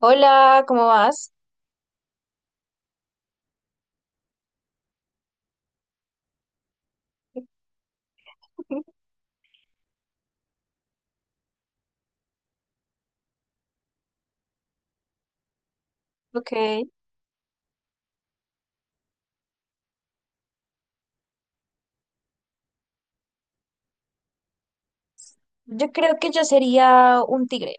Hola, ¿cómo vas? Ok. Yo creo que yo sería un tigre.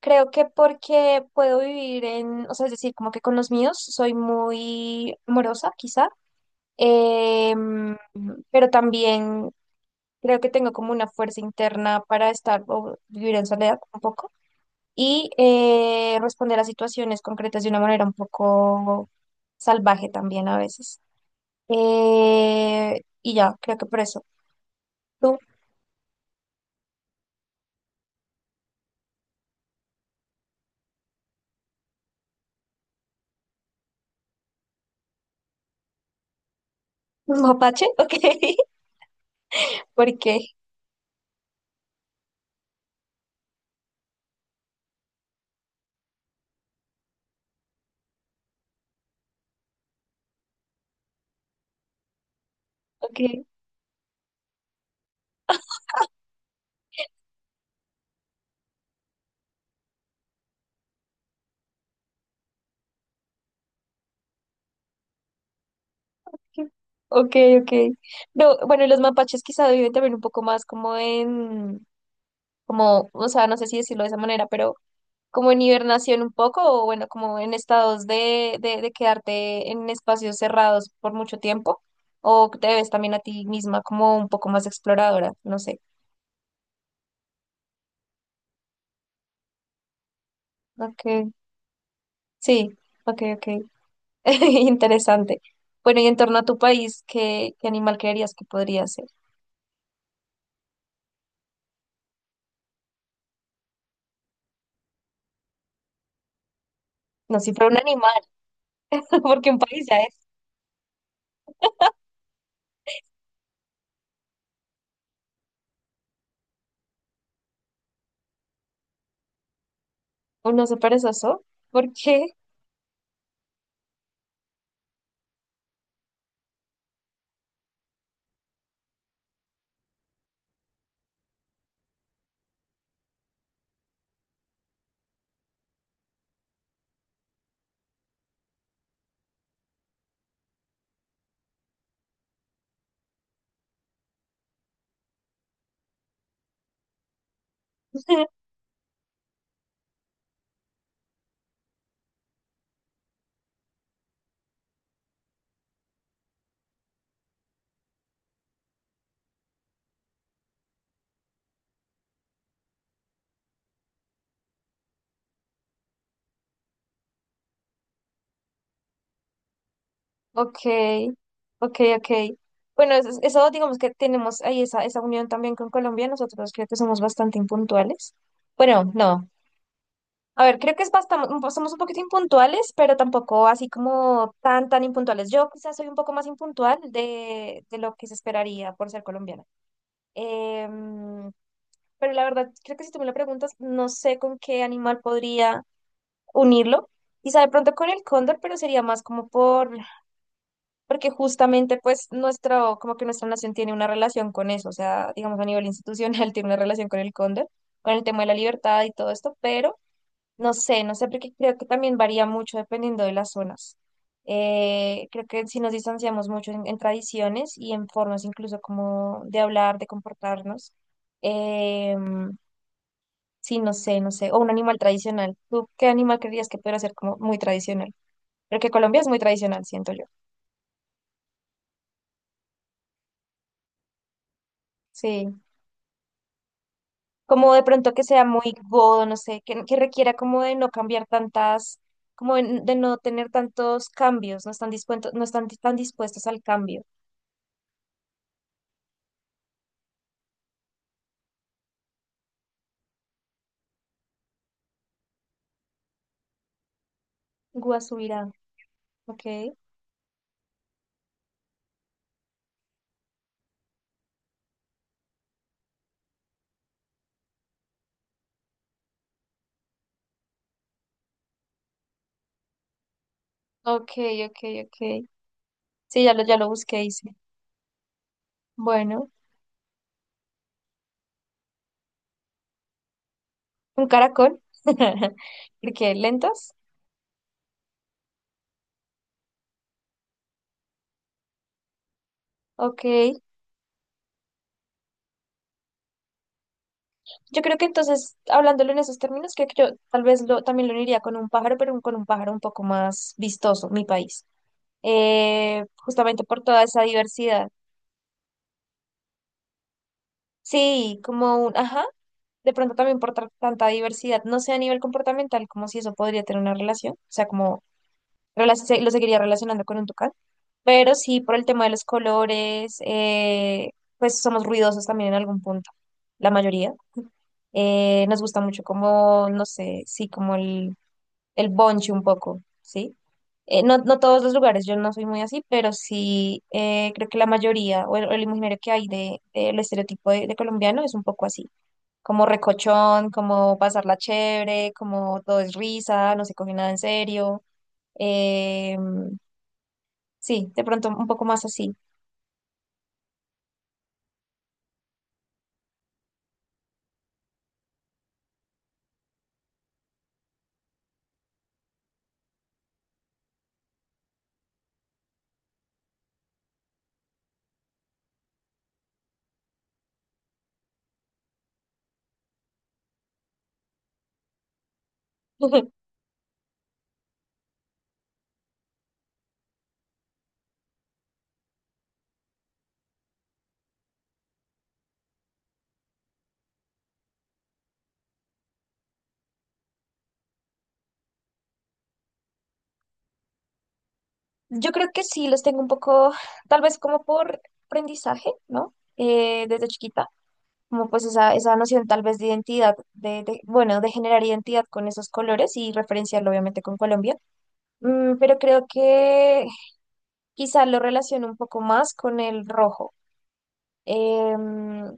Creo que porque puedo vivir en, o sea, es decir, como que con los míos soy muy amorosa, quizá, em, pero también creo que tengo como una fuerza interna para estar o vivir en soledad un poco y responder a situaciones concretas de una manera un poco salvaje también a veces. Y ya, creo que por eso. ¿Tú? ¿Un mapache? Ok. ¿Por qué? Ok, ok, ok. No, bueno, los mapaches quizá viven también un poco más como en, como, o sea, no sé si decirlo de esa manera, pero como en hibernación un poco, o bueno, como en estados de quedarte en espacios cerrados por mucho tiempo, o te ves también a ti misma como un poco más exploradora, no sé. Ok, sí, ok, ok. Interesante. Bueno, y en torno a tu país, ¿qué, qué animal creerías que podría ser? No, si fuera un animal, porque un país ya es. ¿Un oso perezoso? ¿Por qué? Ok, ok, ok. Bueno, eso digamos que tenemos ahí esa, esa unión también con Colombia. Nosotros creo que somos bastante impuntuales. Bueno, no. A ver, creo que es bastante, somos un poquito impuntuales, pero tampoco así como tan, tan impuntuales. Yo quizás soy un poco más impuntual de lo que se esperaría por ser colombiana. Em, pero la verdad, creo que si tú me lo preguntas, no sé con qué animal podría unirlo. Quizá de pronto con el cóndor, pero sería más como porque justamente pues nuestro, como que nuestra nación tiene una relación con eso, o sea, digamos a nivel institucional tiene una relación con el cóndor, con el tema de la libertad y todo esto, pero no sé, no sé, porque creo que también varía mucho dependiendo de las zonas. Creo que si nos distanciamos mucho en tradiciones y en formas incluso como de hablar, de comportarnos, eh, sí, no sé, no sé, o un animal tradicional. ¿Tú qué animal creerías que pudiera ser como muy tradicional? Porque Colombia es muy tradicional, siento yo. Sí. Como de pronto que sea muy godo, no sé, que requiera como de no cambiar tantas, como de no tener tantos cambios, no están dispuestos, no están tan dispuestos al cambio. Guasubirán, ok, ok, ok, ok. Sí, ya lo busqué, hice. Bueno, un caracol, porque lentos, ok. Yo creo que entonces, hablándolo en esos términos, creo que yo tal vez lo, también lo uniría con un pájaro, pero con un pájaro un poco más vistoso, mi país. Justamente por toda esa diversidad. Sí, como un, ajá, de pronto también por tanta diversidad, no sé a nivel comportamental como si eso podría tener una relación, o sea, como lo seguiría relacionando con un tucán, pero sí por el tema de los colores, pues somos ruidosos también en algún punto, la mayoría. Nos gusta mucho como, no sé, sí, como el bonche un poco, ¿sí? No, no todos los lugares, yo no soy muy así, pero sí creo que la mayoría o el imaginario que hay de, del estereotipo de colombiano es un poco así como recochón, como pasarla chévere, como todo es risa, no se coge nada en serio. Eh, sí, de pronto un poco más así. Yo creo que sí, los tengo un poco, tal vez como por aprendizaje, ¿no? Desde chiquita, como pues esa noción tal vez de identidad, bueno, de generar identidad con esos colores y referenciarlo obviamente con Colombia. Mm, pero creo que quizá lo relaciono un poco más con el rojo. Em,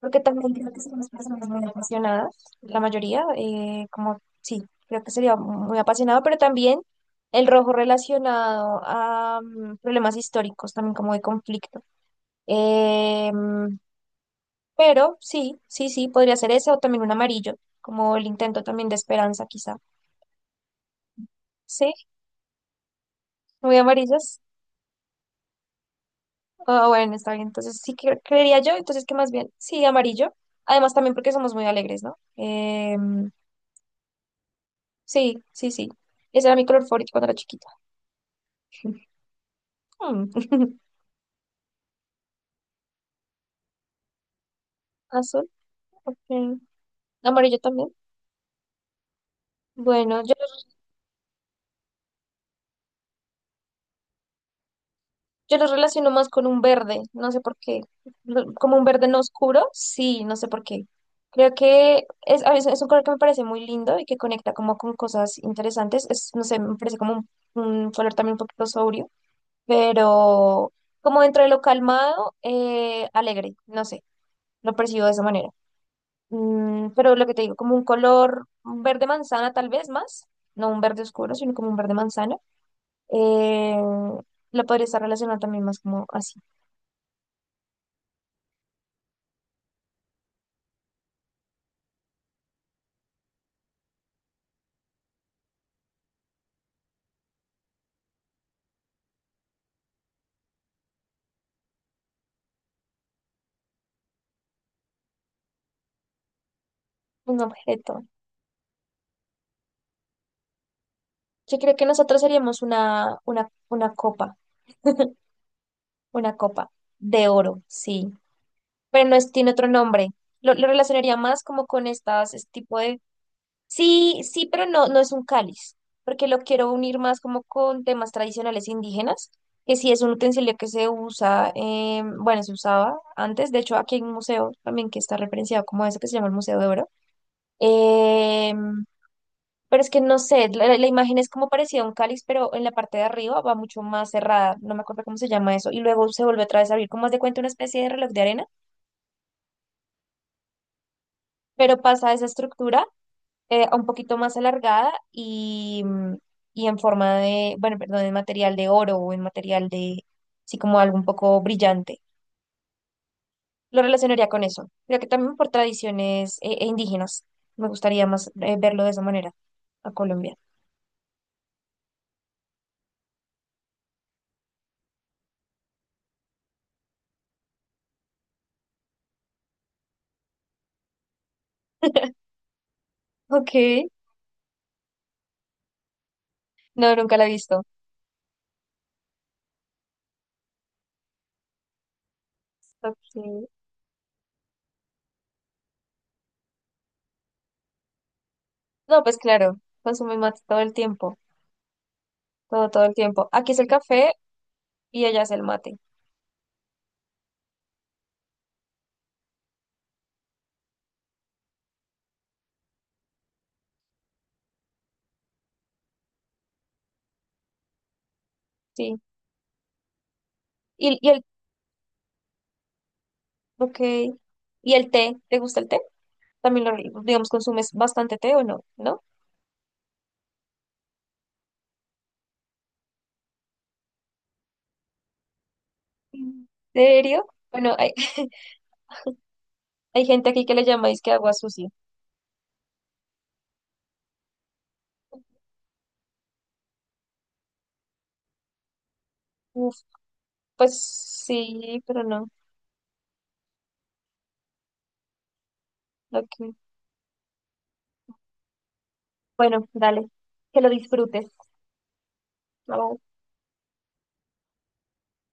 Porque también creo que somos personas muy apasionadas, la mayoría, como sí, creo que sería muy apasionado, pero también el rojo relacionado a problemas históricos, también como de conflicto. Em, pero sí, sí, sí, podría ser ese o también un amarillo, como el intento también de esperanza, quizá. Sí, muy amarillos. Ah, bueno, está bien. Entonces sí que creería yo, entonces que más bien, sí, amarillo. Además también porque somos muy alegres, ¿no? Sí, sí, sí. Ese era mi color favorito cuando era chiquita. Mm. Azul, ok. Amarillo también. Bueno, yo los relaciono más con un verde, no sé por qué. Como un verde no oscuro, sí, no sé por qué. Creo que es, a veces es un color que me parece muy lindo y que conecta como con cosas interesantes. Es, no sé, me parece como un color también un poquito sobrio, pero como dentro de lo calmado, alegre, no sé, lo percibo de esa manera. Mm, pero lo que te digo, como un color, un verde manzana tal vez más, no un verde oscuro, sino como un verde manzana. Eh, lo podría estar relacionado también más como así, un objeto. Yo creo que nosotros seríamos una copa de oro, sí, pero no es, tiene otro nombre. Lo relacionaría más como con estas, este tipo de. Sí, sí, pero no, no es un cáliz, porque lo quiero unir más como con temas tradicionales indígenas, que sí es un utensilio que se usa, bueno, se usaba antes, de hecho aquí hay un museo también que está referenciado como eso que se llama el Museo de Oro, eh, pero es que no sé, la imagen es como parecida a un cáliz, pero en la parte de arriba va mucho más cerrada, no me acuerdo cómo se llama eso, y luego se vuelve otra vez a abrir, como haz de cuenta una especie de reloj de arena, pero pasa esa estructura un poquito más alargada y, y en forma de, bueno, perdón, en material de oro o en material de, sí, como algo un poco brillante. Lo relacionaría con eso. Creo que también por tradiciones indígenas. Me gustaría más verlo de esa manera a Colombia. Ok, no, nunca la he visto. Ok. No, pues claro, consume mate todo el tiempo, todo, todo el tiempo. Aquí es el café y allá es el mate, sí. Y, y el, ok, ¿y el té? ¿Te gusta el té? También, lo, digamos, consumes bastante té o no, ¿no? ¿En serio? Bueno, hay, hay gente aquí que le llama es que agua sucia. Uf, pues sí, pero no. Lo que. Bueno, dale, que lo disfrutes. Chao.